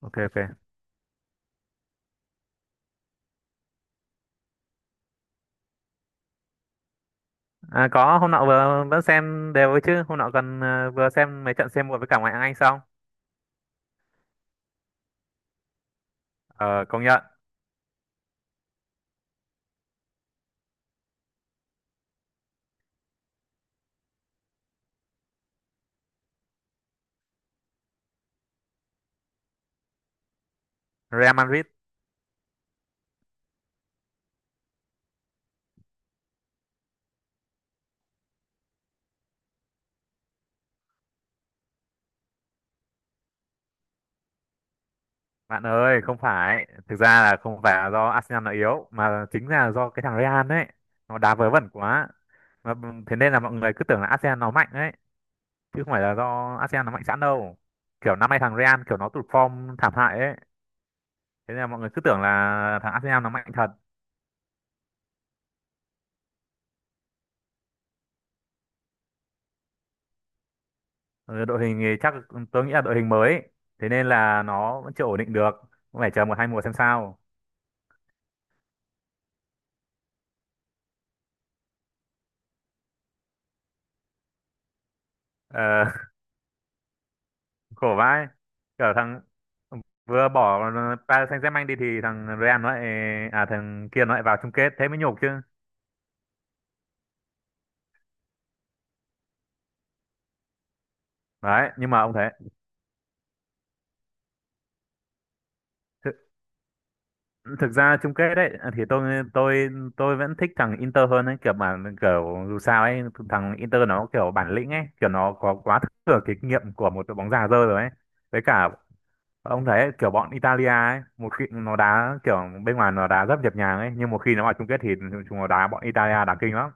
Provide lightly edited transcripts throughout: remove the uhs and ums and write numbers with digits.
Ok, ok. À, có hôm nọ vừa vẫn xem đều ấy chứ hôm nọ còn vừa xem mấy trận C1 với cả ngoại hạng Anh xong. Ờ công nhận. Real Madrid. Bạn ơi không phải, thực ra là không phải là do Arsenal nó yếu mà chính là do cái thằng Real đấy, nó đá vớ vẩn quá. Thế nên là mọi người cứ tưởng là Arsenal nó mạnh đấy, chứ không phải là do Arsenal nó mạnh sẵn đâu. Kiểu năm nay thằng Real kiểu nó tụt form thảm hại ấy, thế nên là mọi người cứ tưởng là thằng Arsenal nó mạnh thật. Ừ, đội hình thì chắc tôi nghĩ là đội hình mới ấy. Thế nên là nó vẫn chưa ổn định được, cũng phải chờ một hai mùa xem sao. Ờ, khổ vãi. Kiểu thằng vừa bỏ Paris Saint-Germain đi thì thằng Real nó lại, à thằng kia nó lại vào chung kết, thế mới nhục chứ. Đấy nhưng mà ông thấy thực, thực ra chung kết đấy thì tôi tôi vẫn thích thằng Inter hơn ấy, kiểu mà kiểu dù sao ấy thằng Inter nó kiểu bản lĩnh ấy, kiểu nó có quá thừa kinh nghiệm của một đội bóng già dơ rồi ấy. Với cả ông thấy kiểu bọn Italia ấy, một khi nó đá kiểu bên ngoài nó đá rất nhịp nhàng ấy, nhưng một khi nó vào chung kết thì chúng nó đá, bọn Italia đá kinh lắm,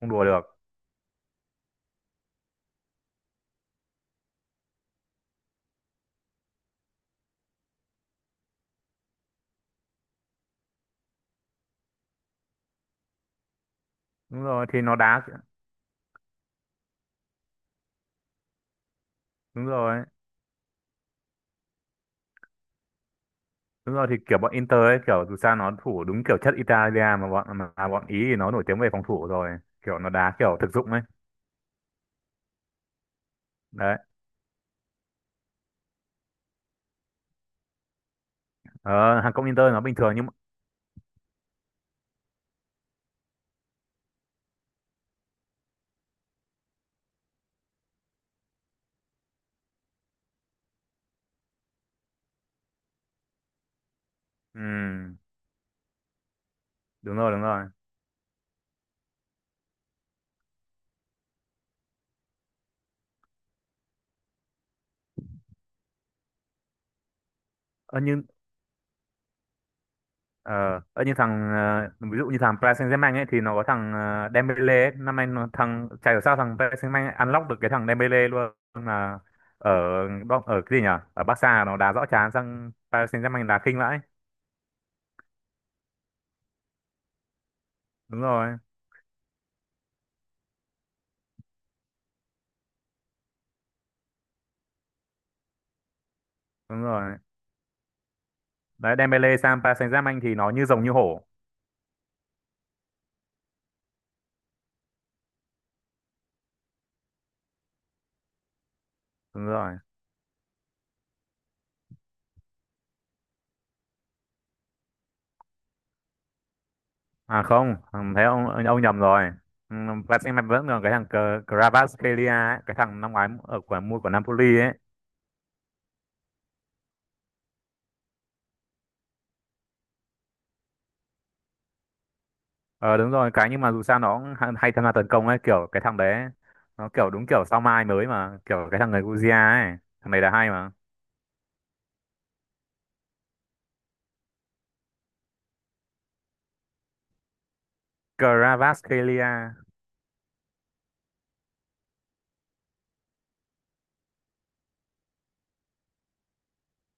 không đùa được. Đúng rồi thì nó đá. Đúng rồi, đúng rồi, thì kiểu bọn Inter ấy kiểu dù sao nó thủ đúng kiểu chất Italia, mà bọn Ý thì nó nổi tiếng về phòng thủ rồi, kiểu nó đá kiểu thực dụng ấy. Đấy, ờ, hàng công Inter nó bình thường nhưng mà- ừm, đúng rồi, đúng rồi. Ờ, nhưng ờ, ờ, như thằng ví dụ như thằng Paris Saint-Germain ấy thì nó có thằng Dembele ấy. Năm nay nó thằng chả hiểu sao thằng Paris Saint-Germain unlock được cái thằng Dembele luôn là ở ở cái gì nhỉ? Ở Barca nó đá rõ chán, sang Paris Saint-Germain đá khinh vãi. Đúng rồi, đúng rồi. Đấy Dembele sang Paris Saint-Germain thì nó như rồng như hổ. Đúng rồi. À không, thấy ông nhầm rồi. Ừ, Paris Saint-Germain vẫn còn cái thằng Kvaratskhelia ấy, cái thằng năm ngoái ở của mua của Napoli ấy. Ờ đúng rồi, cái nhưng mà dù sao nó cũng hay, hay tham gia tấn công ấy, kiểu cái thằng đấy ấy, nó kiểu đúng kiểu sao mai mới mà, kiểu cái thằng người Georgia ấy, thằng này là hay mà. Kvaratskhelia.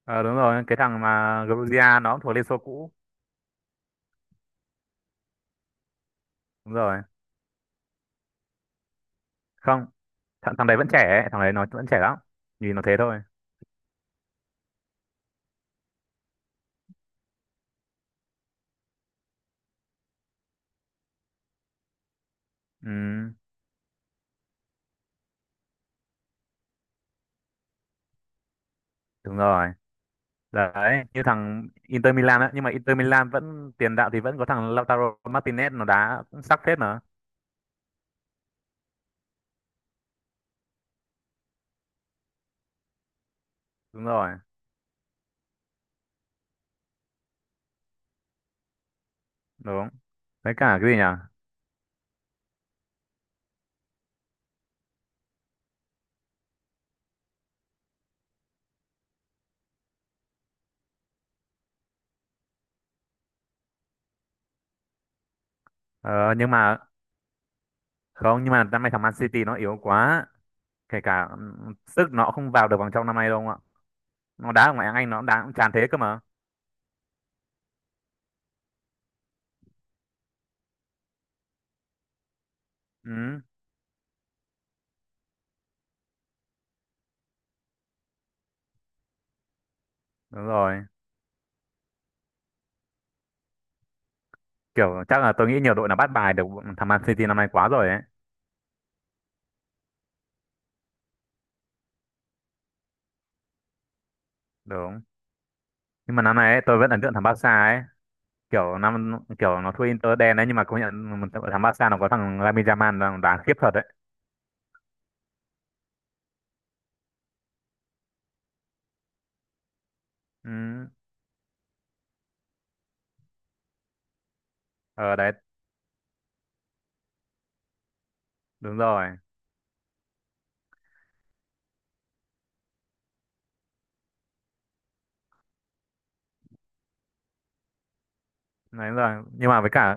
Ờ đúng rồi, cái thằng mà Georgia nó cũng thuộc Liên Xô cũ. Đúng rồi. Không, thằng đấy vẫn trẻ ấy, thằng đấy nó vẫn trẻ lắm. Nhìn nó thế thôi. Ừ, đúng rồi. Đấy, như thằng Inter Milan á, nhưng mà Inter Milan vẫn tiền đạo thì vẫn có thằng Lautaro Martinez nó đá cũng sắc phết mà. Đúng rồi, đúng. Với cả cái gì nhỉ? Ờ, nhưng mà không, nhưng mà năm nay thằng Man City nó yếu quá. Kể cả sức nó không vào được vòng trong năm nay đâu ông ạ. Nó đá ở ngoại hạng Anh nó cũng đá cũng tràn thế cơ mà. Ừ, đúng rồi. Kiểu chắc là tôi nghĩ nhiều đội nó bắt bài được thằng Man City năm nay quá rồi ấy. Đúng. Nhưng mà năm nay ấy, tôi vẫn ấn tượng thằng Barca ấy. Kiểu năm kiểu nó thua Inter đen đấy, nhưng mà công nhận một thằng Barca nó có thằng Lamine Yamal nó đá khiếp thật đấy. Ừ. Ờ đấy, đúng rồi. Đấy rồi. Nhưng mà với cả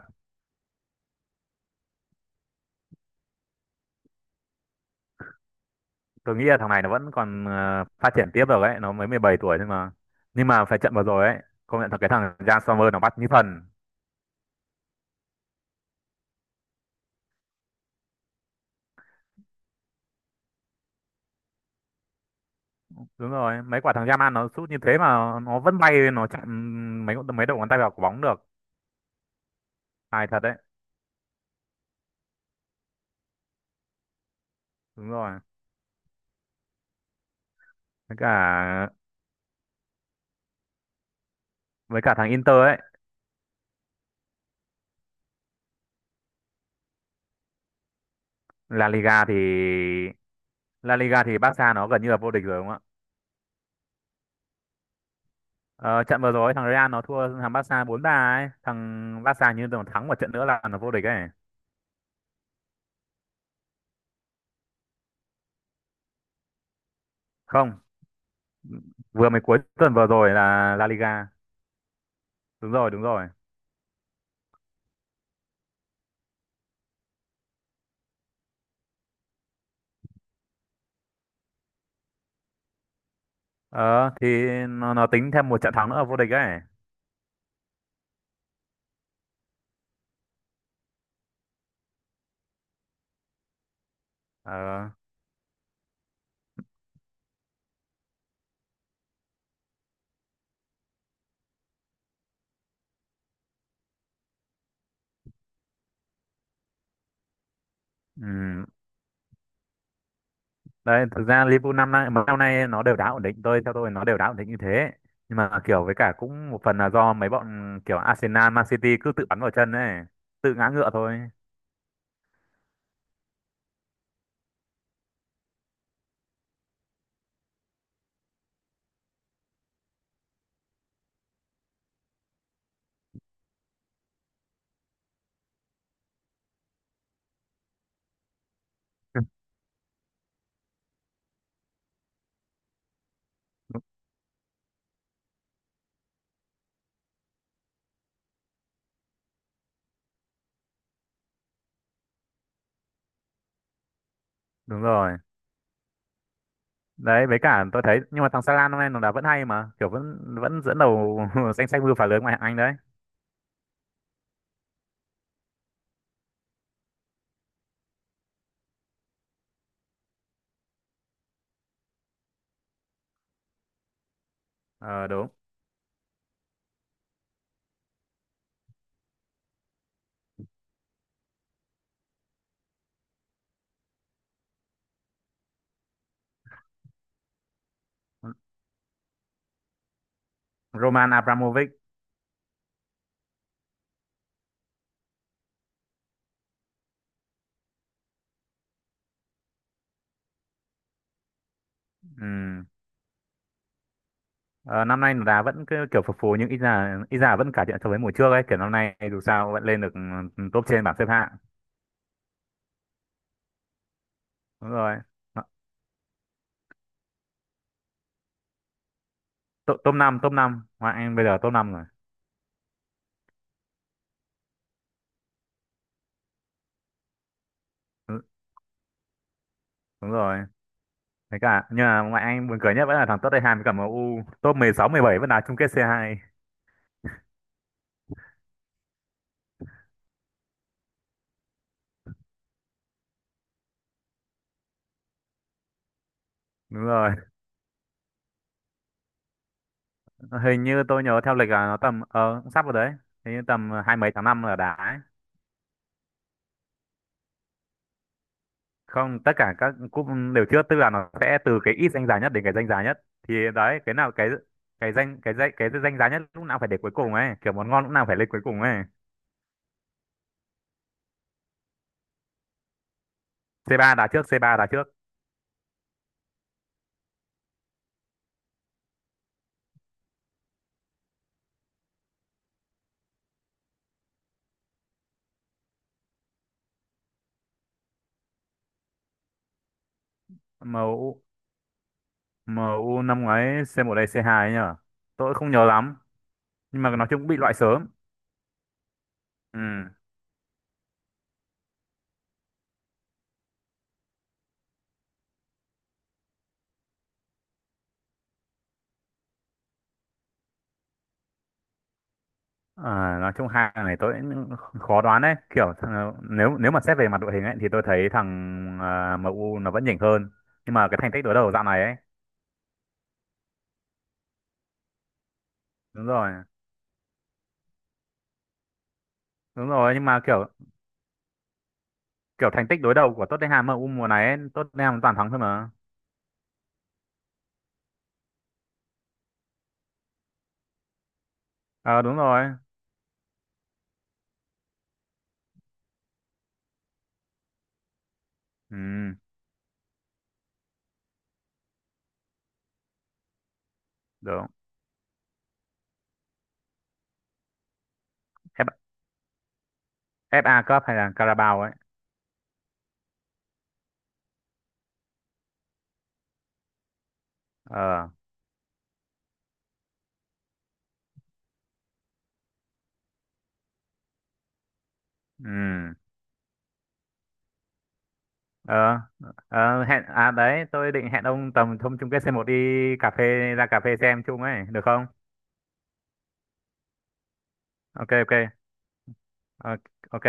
tôi nghĩ là thằng này nó vẫn còn phát triển tiếp được ấy, nó mới 17 tuổi, nhưng mà phải trận vừa rồi ấy công nhận thật cái thằng Jan Sommer nó bắt như thần. Đúng rồi, mấy quả thằng Yaman nó sút như thế mà nó vẫn bay nó chặn mấy mấy đầu ngón tay vào quả bóng được. Tài thật đấy. Đúng rồi với cả, với cả thằng Inter ấy. La Liga thì, La Liga thì Barca nó gần như là vô địch rồi đúng không ạ. Ờ, trận vừa rồi thằng Real nó thua thằng Barca bốn ba ấy, thằng Barca như còn thắng một trận nữa là nó vô địch ấy. Không, vừa mới cuối tuần vừa rồi là La Liga. Đúng rồi đúng rồi. Ờ thì nó tính thêm một trận thắng nữa ở vô địch ấy. Ờ, ừm. Đấy thực ra Liverpool năm nay, mấy năm nay nó đều đá ổn định, tôi theo tôi nó đều đá ổn định như thế, nhưng mà kiểu với cả cũng một phần là do mấy bọn kiểu Arsenal, Man City cứ tự bắn vào chân ấy, tự ngã ngựa thôi. Đúng rồi. Đấy với cả tôi thấy nhưng mà thằng Salah năm nay nó đá vẫn hay mà, kiểu vẫn vẫn dẫn đầu danh sách mưu phá lưới ngoại hạng Anh đấy. Ờ đúng. Roman Abramovich. Ừ. Ờ, năm nay đá vẫn cứ kiểu phập phù nhưng ít ra vẫn cải thiện so với mùa trước ấy, kiểu năm nay dù sao vẫn lên được ừ, top trên bảng xếp hạng. Đúng rồi. Nó- top top năm, top năm ngoại anh bây giờ, top năm rồi. Đúng rồi thế cả, nhưng mà ngoại anh buồn cười nhất vẫn là thằng Tottenham với cả MU top 16 17 vẫn đá chung kết c hai. Đúng rồi, hình như tôi nhớ theo lịch là nó tầm ờ cũng sắp rồi đấy, hình như tầm hai mấy tháng năm là đá ấy. Không, tất cả các cúp đều chưa, tức là nó sẽ từ cái ít danh giá nhất đến cái danh giá nhất, thì đấy cái nào cái danh giá nhất lúc nào phải để cuối cùng ấy, kiểu món ngon lúc nào phải lên cuối cùng ấy. C ba đá trước. Em u MU u năm ngoái c một đây c hai ấy nhở, tôi không nhớ lắm, nhưng mà nói chung cũng bị loại sớm. Ừ. À, nói chung hai thằng này tôi cũng khó đoán đấy, kiểu thằng- nếu nếu mà xét về mặt đội hình ấy thì tôi thấy thằng à, em u nó vẫn nhỉnh hơn, nhưng mà cái thành tích đối đầu dạo này ấy đúng rồi đúng rồi. Nhưng mà kiểu, kiểu thành tích đối đầu của Tottenham ở U mùa này ấy, Tottenham toàn thắng thôi mà. Ờ đúng rồi. Ừ được. F- FA Cup hay là Carabao ấy. Ờ, ừ, ờ. Ờ, hẹn à, đấy tôi định hẹn ông tầm thông chung kết C1 đi cà phê, ra cà phê xem chung ấy được không? Ok, ok. Ờ, ok.